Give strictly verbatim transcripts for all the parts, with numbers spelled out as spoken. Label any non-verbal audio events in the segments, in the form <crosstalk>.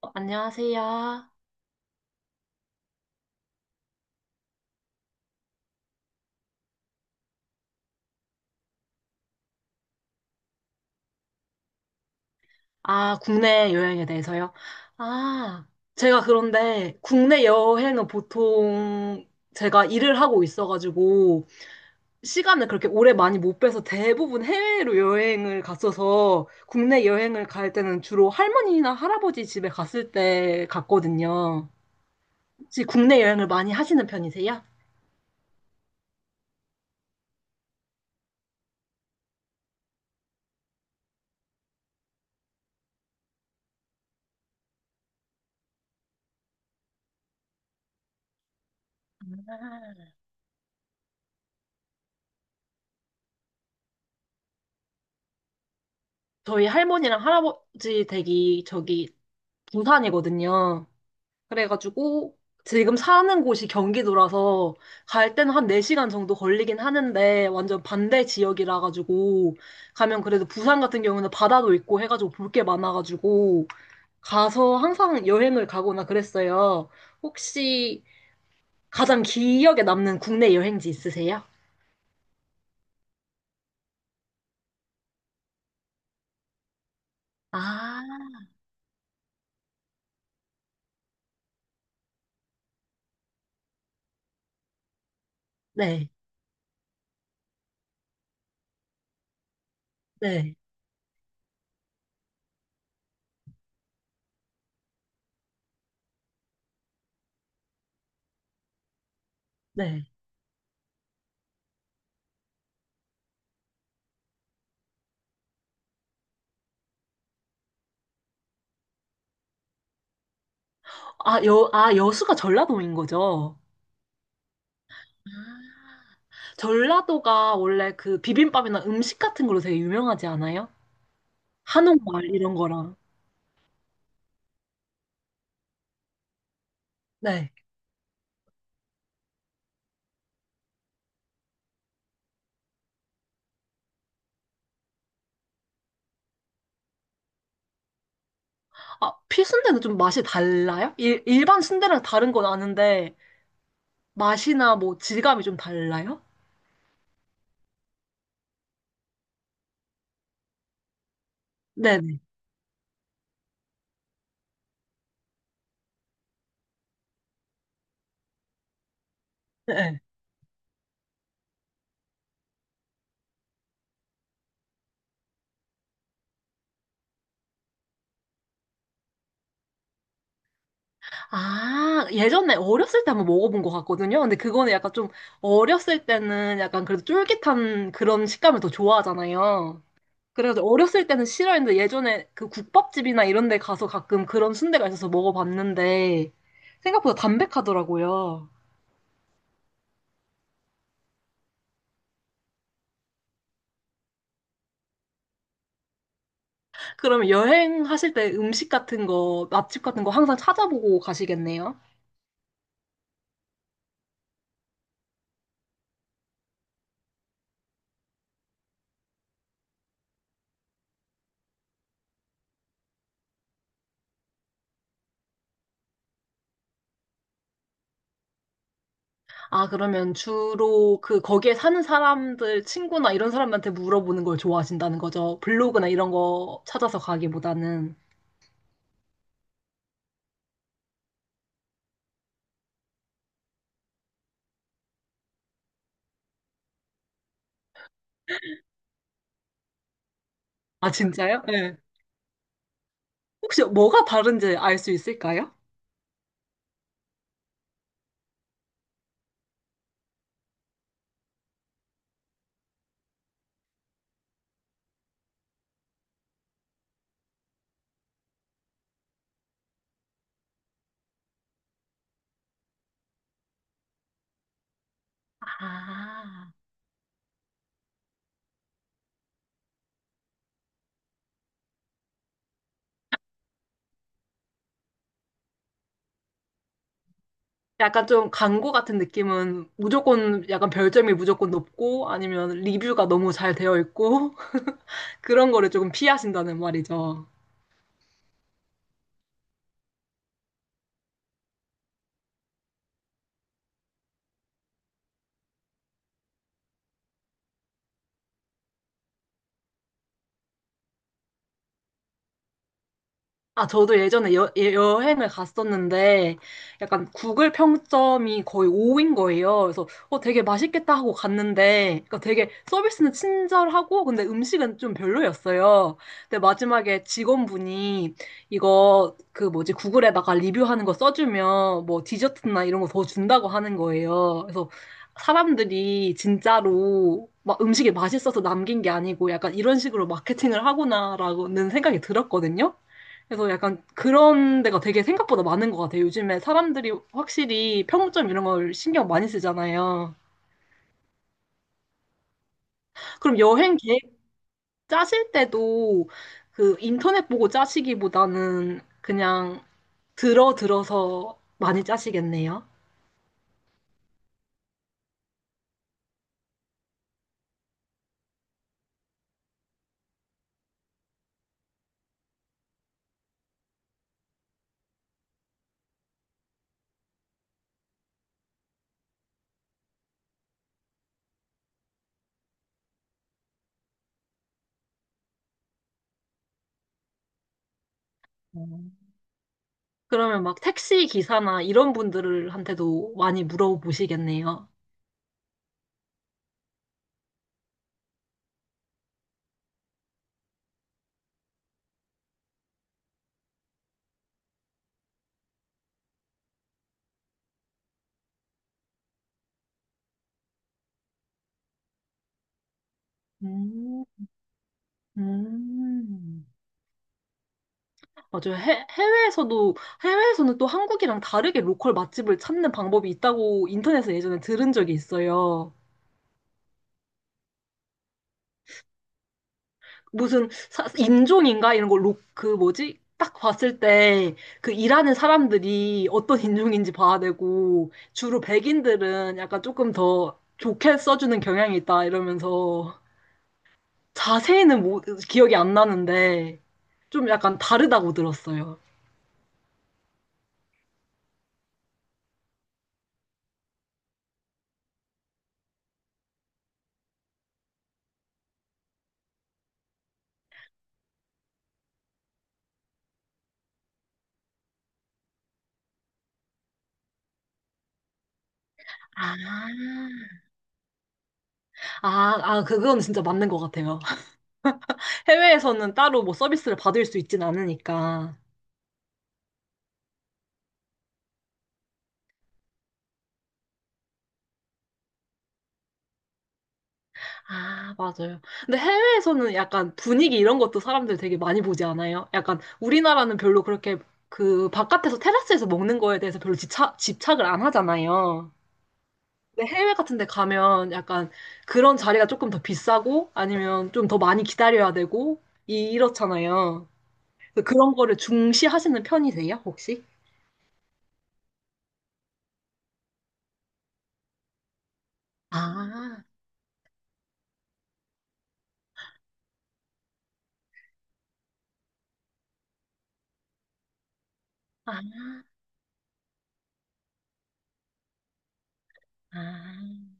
어, 안녕하세요. 아, 국내 여행에 대해서요? 아, 제가 그런데 국내 여행은 보통 제가 일을 하고 있어가지고 시간을 그렇게 오래 많이 못 빼서 대부분 해외로 여행을 갔어서 국내 여행을 갈 때는 주로 할머니나 할아버지 집에 갔을 때 갔거든요. 혹시 국내 여행을 많이 하시는 편이세요? 저희 할머니랑 할아버지 댁이 저기 부산이거든요. 그래가지고 지금 사는 곳이 경기도라서 갈 때는 한 네 시간 정도 걸리긴 하는데 완전 반대 지역이라 가지고 가면 그래도 부산 같은 경우는 바다도 있고 해가지고 볼 게 많아가지고 가서 항상 여행을 가거나 그랬어요. 혹시 가장 기억에 남는 국내 여행지 있으세요? 아, 네, 네, 네. 아, 여, 아, 여수가 전라도인 거죠? 전라도가 원래 그 비빔밥이나 음식 같은 걸로 되게 유명하지 않아요? 한옥마을 이런 거랑. 네. 아, 필순대는 좀 맛이 달라요? 일, 일반 순대랑 다른 건 아는데 맛이나 뭐 질감이 좀 달라요? 네네. 네. 아, 예전에 어렸을 때 한번 먹어본 것 같거든요. 근데 그거는 약간 좀 어렸을 때는 약간 그래도 쫄깃한 그런 식감을 더 좋아하잖아요. 그래서 어렸을 때는 싫어했는데 예전에 그 국밥집이나 이런 데 가서 가끔 그런 순대가 있어서 먹어봤는데 생각보다 담백하더라고요. 그럼 여행하실 때 음식 같은 거, 맛집 같은 거 항상 찾아보고 가시겠네요? 아, 그러면 주로 그 거기에 사는 사람들, 친구나 이런 사람한테 물어보는 걸 좋아하신다는 거죠? 블로그나 이런 거 찾아서 가기보다는. 아, 진짜요? 네. 혹시 뭐가 다른지 알 수 있을까요? 아, 약간 좀 광고 같은 느낌은 무조건 약간 별점이 무조건 높고 아니면 리뷰가 너무 잘 되어 있고 <laughs> 그런 거를 조금 피하신다는 말이죠. 아, 저도 예전에 여, 예- 여행을 갔었는데, 약간 구글 평점이 거의 오인 거예요. 그래서, 어, 되게 맛있겠다 하고 갔는데, 그러니까 되게 서비스는 친절하고, 근데 음식은 좀 별로였어요. 근데 마지막에 직원분이 이거, 그 뭐지, 구글에다가 리뷰하는 거 써주면, 뭐 디저트나 이런 거 더 준다고 하는 거예요. 그래서 사람들이 진짜로 막 음식이 맛있어서 남긴 게 아니고, 약간 이런 식으로 마케팅을 하구나라는 생각이 들었거든요. 그래서 약간 그런 데가 되게 생각보다 많은 것 같아요. 요즘에 사람들이 확실히 평점 이런 걸 신경 많이 쓰잖아요. 그럼 여행 계획 짜실 때도 그 인터넷 보고 짜시기보다는 그냥 들어 들어서 많이 짜시겠네요. 음. 그러면 막 택시 기사나 이런 분들한테도 많이 물어보시겠네요. 음. 음. 맞아요. 해, 해외에서도, 해외에서는 또 한국이랑 다르게 로컬 맛집을 찾는 방법이 있다고 인터넷에 예전에 들은 적이 있어요. 무슨 사- 인종인가? 이런 거, 로, 그 뭐지? 딱 봤을 때 그 일하는 사람들이 어떤 <laughs> 인종인지 봐야 되고, 주로 백인들은 약간 조금 더 좋게 써주는 경향이 있다 이러면서 자세히는 모- 기억이 안 나는데, 좀 약간 다르다고 들었어요. 아, 아, 아, 그건 진짜 맞는 것 같아요. 해외에서는 따로 뭐 서비스를 받을 수 있진 않으니까. 아, 맞아요. 근데 해외에서는 약간 분위기 이런 것도 사람들 되게 많이 보지 않아요? 약간 우리나라는 별로 그렇게 그 바깥에서 테라스에서 먹는 거에 대해서 별로 집착, 집착을 안 하잖아요. 근데 해외 같은 데 가면 약간 그런 자리가 조금 더 비싸고 아니면 좀 더 많이 기다려야 되고 이- 이렇잖아요. 그래서 그런 거를 중시하시는 편이세요, 혹시? 아, 아, 아.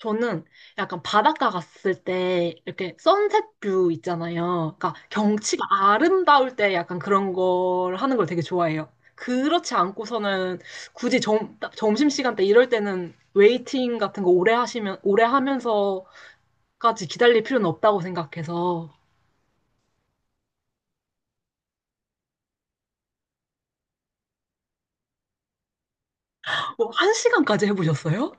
저는 약간 바닷가 갔을 때 이렇게 선셋 뷰 있잖아요. 그러니까 경치가 아름다울 때 약간 그런 걸 하는 걸 되게 좋아해요. 그렇지 않고서는 굳이 점, 점심시간 때 이럴 때는 웨이팅 같은 거 오래 하시면, 오래 하면서까지 기다릴 필요는 없다고 생각해서 뭐, 한 시간까지 해보셨어요?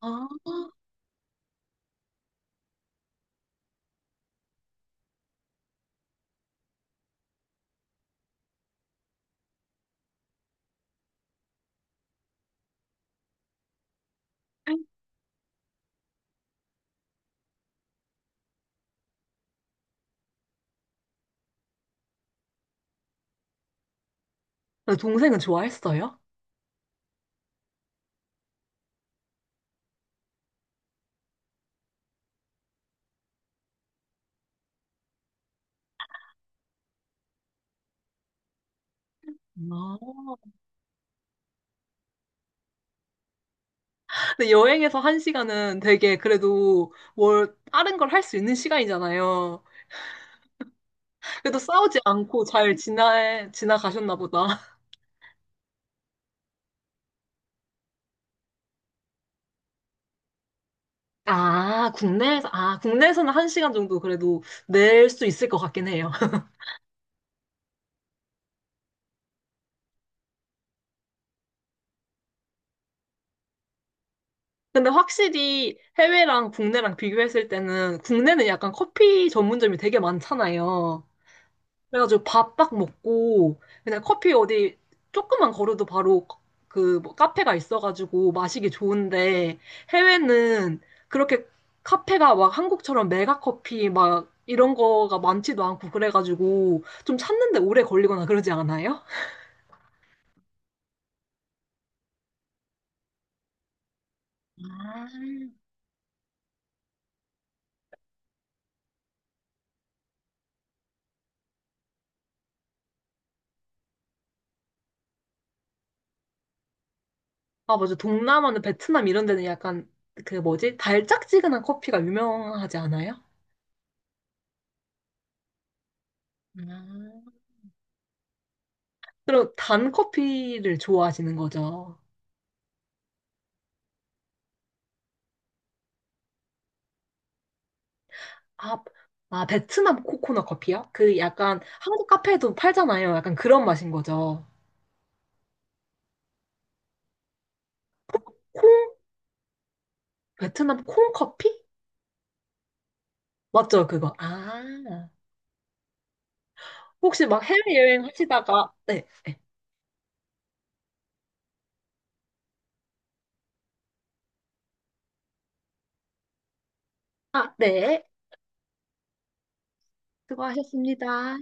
아, 근데 동생은 좋아했어요? 아. 근데 여행에서 한 시간은 되게 그래도 뭘 다른 걸 할 수 있는 시간이잖아요. 그래도 싸우지 않고 잘 지나, 지나가셨나 보다. 아, 국내에서, 아, 국내에서는 한 시간 정도 그래도 낼 수 있을 것 같긴 해요. <laughs> 근데 확실히 해외랑 국내랑 비교했을 때는 국내는 약간 커피 전문점이 되게 많잖아요. 그래가지고 밥 딱 먹고 그냥 커피 어디 조금만 걸어도 바로 그뭐 카페가 있어가지고 마시기 좋은데 해외는 그렇게 카페가 막 한국처럼 메가 커피 막 이런 거가 많지도 않고 그래가지고 좀 찾는데 오래 걸리거나 그러지 않아요? 아, 아 맞아 동남아는 베트남 이런 데는 약간 그 뭐지 달짝지근한 커피가 유명하지 않아요? 아. 그럼 단 커피를 좋아하시는 거죠? 아, 아, 베트남 코코넛 커피요? 그 약간 한국 카페에도 팔잖아요. 약간 그런 맛인 거죠. 콩? 베트남 콩 커피? 맞죠, 그거. 아, 혹시 막 해외여행 하시다가, 네, 네. 아, 네. 수고하셨습니다.